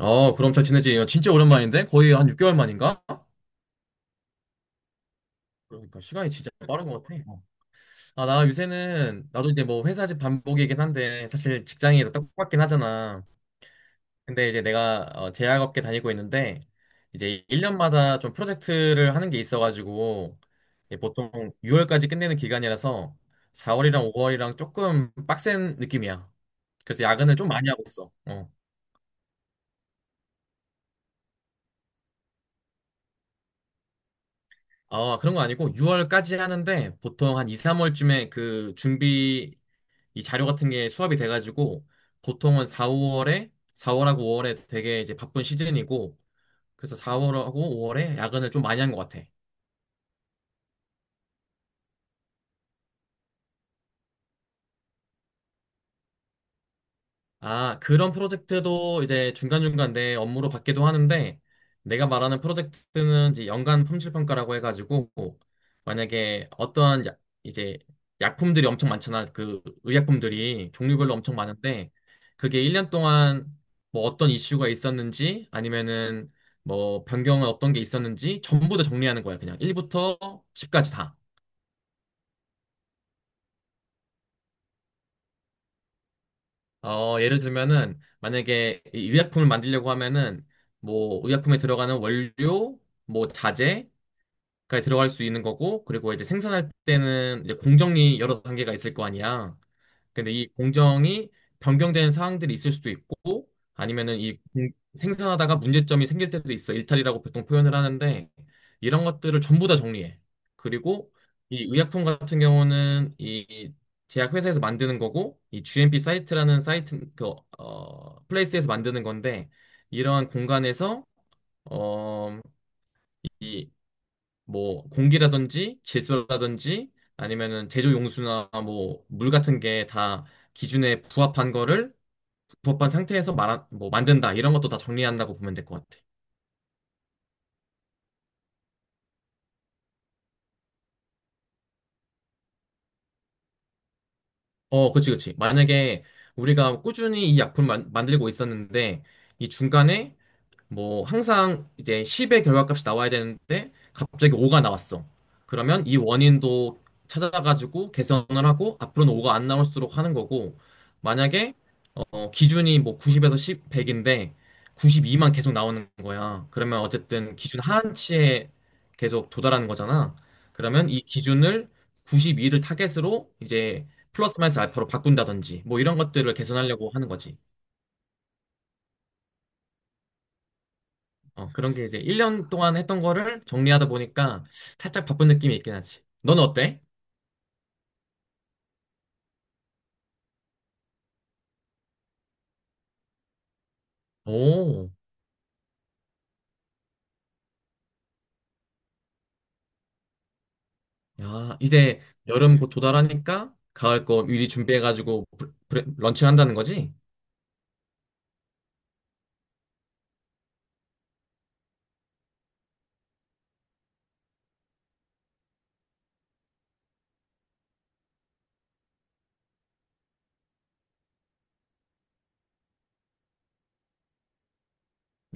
어, 그럼 잘 지내지. 어, 진짜 오랜만인데? 거의 한 6개월 만인가? 그러니까 시간이 진짜 빠른 것 같아. 어. 아, 나 요새는, 나도 이제 뭐 회사집 반복이긴 한데, 사실 직장이 다 똑같긴 하잖아. 근데 이제 내가 제약업계 다니고 있는데, 이제 1년마다 좀 프로젝트를 하는 게 있어가지고, 이게 보통 6월까지 끝내는 기간이라서, 4월이랑 5월이랑 조금 빡센 느낌이야. 그래서 야근을 좀 많이 하고 있어. 어. 아, 그런 거 아니고 6월까지 하는데 보통 한 2, 3월쯤에 그 준비 이 자료 같은 게 수합이 돼가지고 보통은 4, 월에 4월하고 5월에 되게 이제 바쁜 시즌이고 그래서 4월하고 5월에 야근을 좀 많이 한 것 같아. 아, 그런 프로젝트도 이제 중간중간 내 업무로 받기도 하는데, 내가 말하는 프로젝트는 이제 연간 품질 평가라고 해가지고, 만약에 어떠한 이제 약품들이 엄청 많잖아. 그 의약품들이 종류별로 엄청 많은데, 그게 1년 동안 뭐 어떤 이슈가 있었는지, 아니면은 뭐 변경은 어떤 게 있었는지, 전부 다 정리하는 거야. 그냥 1부터 10까지 다. 어, 예를 들면은 만약에 이 의약품을 만들려고 하면은 뭐 의약품에 들어가는 원료, 뭐 자재까지 들어갈 수 있는 거고 그리고 이제 생산할 때는 이제 공정이 여러 단계가 있을 거 아니야. 근데 이 공정이 변경되는 사항들이 있을 수도 있고 아니면은 이 생산하다가 문제점이 생길 때도 있어. 일탈이라고 보통 표현을 하는데 이런 것들을 전부 다 정리해. 그리고 이 의약품 같은 경우는 이 제약회사에서 만드는 거고 이 GMP 사이트라는 사이트 그 플레이스에서 만드는 건데 이러한 공간에서 어, 이 뭐 공기라든지 질소라든지 아니면은 제조 용수나 뭐 물 같은 게 다 기준에 부합한 거를 부합한 상태에서 말한 뭐 만든다 이런 것도 다 정리한다고 보면 될 것 같아. 어, 그치, 그치. 만약에 우리가 꾸준히 이 약품을 만들고 있었는데 이 중간에 뭐 항상 이제 10의 결과값이 나와야 되는데 갑자기 5가 나왔어. 그러면 이 원인도 찾아가지고 개선을 하고 앞으로는 5가 안 나올수록 하는 거고 만약에 기준이 뭐 90에서 10, 100인데 92만 계속 나오는 거야. 그러면 어쨌든 기준 하한치에 계속 도달하는 거잖아. 그러면 이 기준을 92를 타겟으로 이제 플러스 마이너스 알파로 바꾼다든지 뭐 이런 것들을 개선하려고 하는 거지. 어, 그런 게 이제 1년 동안 했던 거를 정리하다 보니까 살짝 바쁜 느낌이 있긴 하지. 넌 어때? 오, 야, 이제 여름 곧 도달하니까 가을 거 미리 준비해가지고 런칭한다는 거지?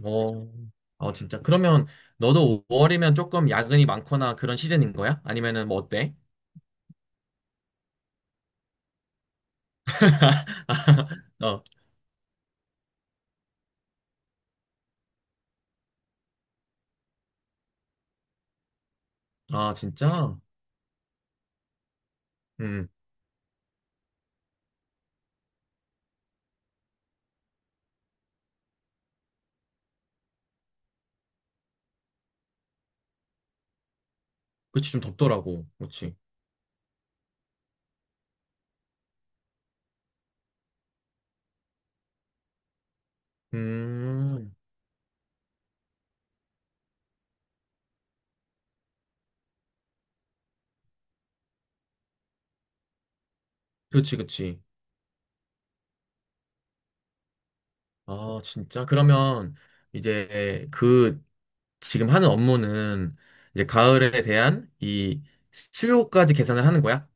어, 어, 진짜. 그러면 너도 5월이면 조금 야근이 많거나 그런 시즌인 거야? 아니면은 뭐 어때? 어. 아, 진짜? 음, 그치, 좀 덥더라고. 그치. 음, 그치, 그치. 아, 진짜? 그러면 이제 그 지금 하는 업무는 이제 가을에 대한 이 수요까지 계산을 하는 거야?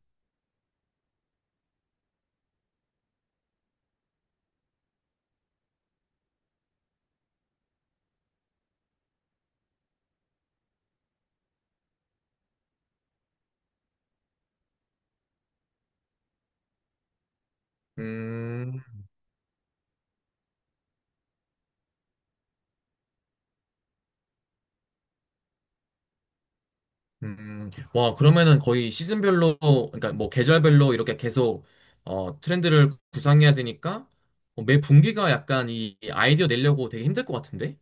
음, 와, 그러면은 거의 시즌별로, 그러니까 뭐 계절별로 이렇게 계속 트렌드를 구상해야 되니까 매 분기가 약간 이 아이디어 내려고 되게 힘들 것 같은데?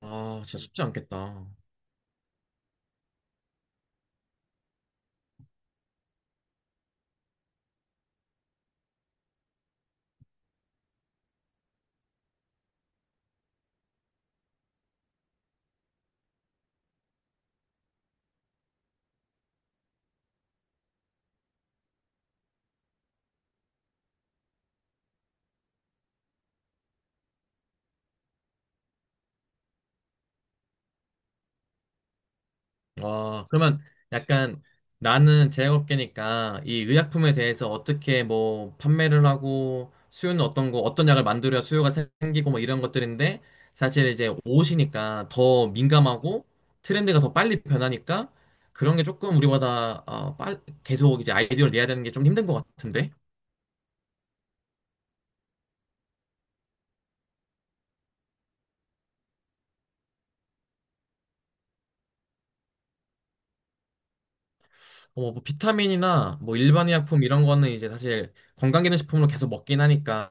아, 진짜 쉽지 않겠다. 어, 그러면 약간 나는 제약업계니까 이 의약품에 대해서 어떻게 뭐 판매를 하고 수요는 어떤 거, 어떤 약을 만들어야 수요가 생기고 뭐 이런 것들인데 사실 이제 옷이니까 더 민감하고 트렌드가 더 빨리 변하니까 그런 게 조금 우리보다 계속 이제 아이디어를 내야 되는 게 좀 힘든 것 같은데. 어뭐 비타민이나 뭐 일반 의약품 이런 거는 이제 사실 건강기능식품으로 계속 먹긴 하니까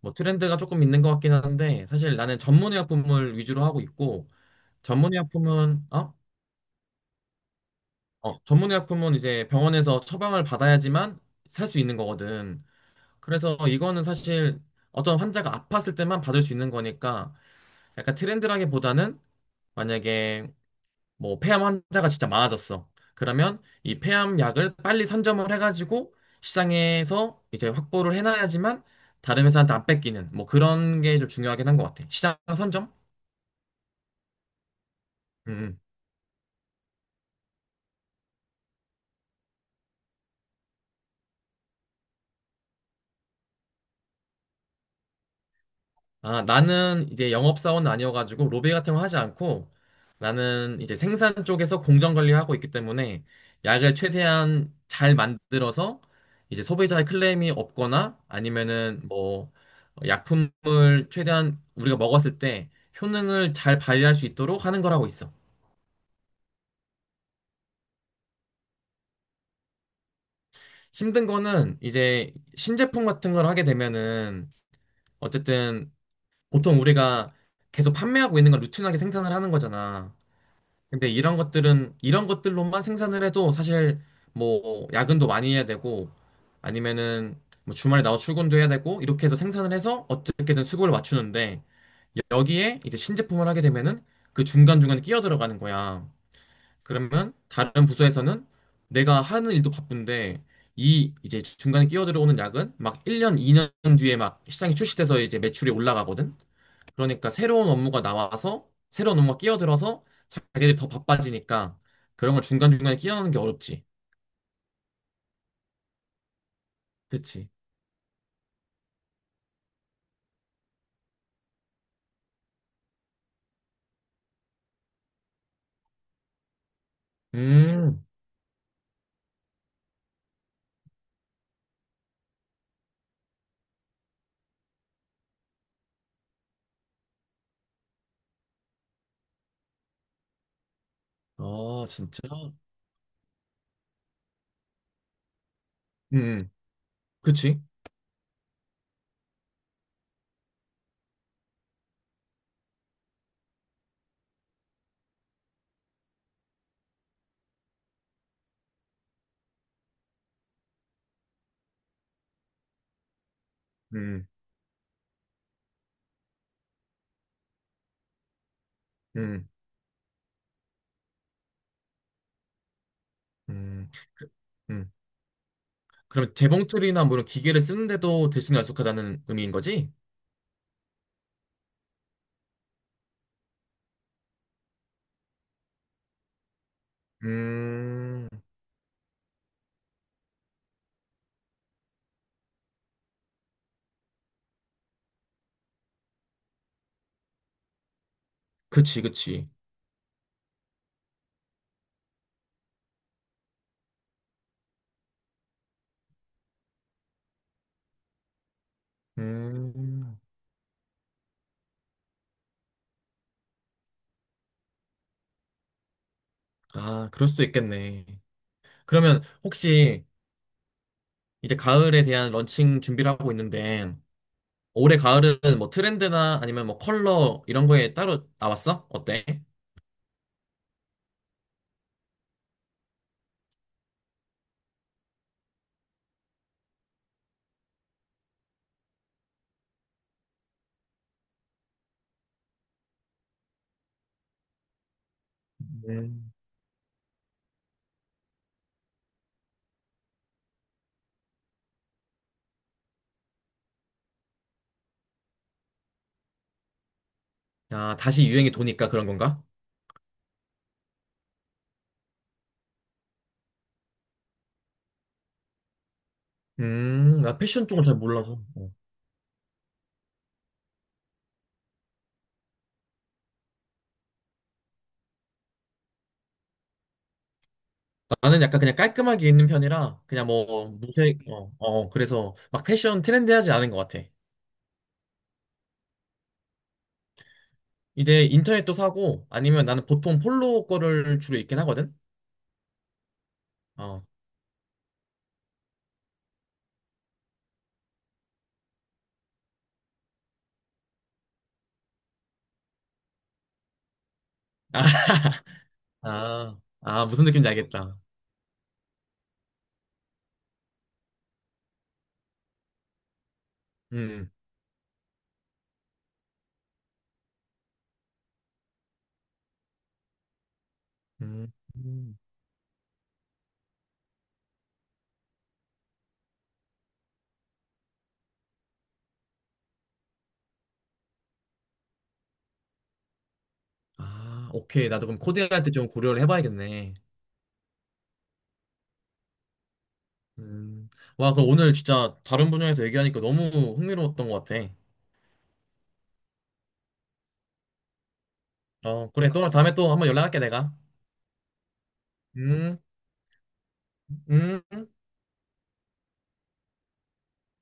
뭐 트렌드가 조금 있는 것 같긴 한데 사실 나는 전문 의약품을 위주로 하고 있고 전문 의약품은 어? 어, 전문 의약품은 이제 병원에서 처방을 받아야지만 살 수 있는 거거든. 그래서 이거는 사실 어떤 환자가 아팠을 때만 받을 수 있는 거니까 약간 트렌드라기보다는 만약에 뭐 폐암 환자가 진짜 많아졌어. 그러면 이 폐암 약을 빨리 선점을 해가지고 시장에서 이제 확보를 해놔야지만 다른 회사한테 안 뺏기는 뭐 그런 게 좀 중요하긴 한 것 같아. 시장 선점? 음. 음. 아, 나는 이제 영업사원은 아니어가지고 로비 같은 거 하지 않고 나는 이제 생산 쪽에서 공정 관리하고 있기 때문에 약을 최대한 잘 만들어서 이제 소비자의 클레임이 없거나 아니면은 뭐 약품을 최대한 우리가 먹었을 때 효능을 잘 발휘할 수 있도록 하는 걸 하고 있어. 힘든 거는 이제 신제품 같은 걸 하게 되면은 어쨌든 보통 우리가 계속 판매하고 있는 걸 루틴하게 생산을 하는 거잖아. 근데 이런 것들은 이런 것들로만 생산을 해도 사실 뭐 야근도 많이 해야 되고 아니면은 뭐 주말에 나와 출근도 해야 되고 이렇게 해서 생산을 해서 어떻게든 수급을 맞추는데 여기에 이제 신제품을 하게 되면은 그 중간중간에 끼어 들어가는 거야. 그러면 다른 부서에서는 내가 하는 일도 바쁜데 이 이제 중간에 끼어 들어오는 약은 막 1년, 2년 뒤에 막 시장이 출시돼서 이제 매출이 올라가거든. 그러니까 새로운 업무가 나와서 새로운 업무가 끼어들어서 자기들이 더 바빠지니까 그런 걸 중간중간에 끼어넣는 게 어렵지. 그치? 음. 아, 진짜? 음. 음. 그치? 음. 음. 음. 음. 그럼 재봉틀이나 뭐 이런 기계를 쓰는데도 들쑥날쑥하다는 의미인 거지? 음. 그치, 그치. 음. 아, 그럴 수도 있겠네. 그러면 혹시 이제 가을에 대한 런칭 준비를 하고 있는데 올해 가을은 뭐 트렌드나 아니면 뭐 컬러 이런 거에 따로 나왔어? 어때? 음. 아, 다시 유행이 도니까 그런 건가? 나 패션 쪽은 잘 몰라서. 어. 나는 약간 그냥 깔끔하게 입는 편이라 그냥 뭐 무색, 그래서 막 패션 트렌디하지 않은 것 같아. 이제 인터넷도 사고 아니면 나는 보통 폴로 거를 주로 입긴 하거든? 어. 아, 아, 아, 무슨 느낌인지 알겠다. 음, 음. 아, 오케이. 나도 그럼 코디할 때 좀 고려를 해봐야겠네. 음. 와, 그럼 오늘 진짜 다른 분야에서 얘기하니까 너무 흥미로웠던 것 같아. 어, 그래. 또 다음에 또 한번 연락할게, 내가. 음, 음.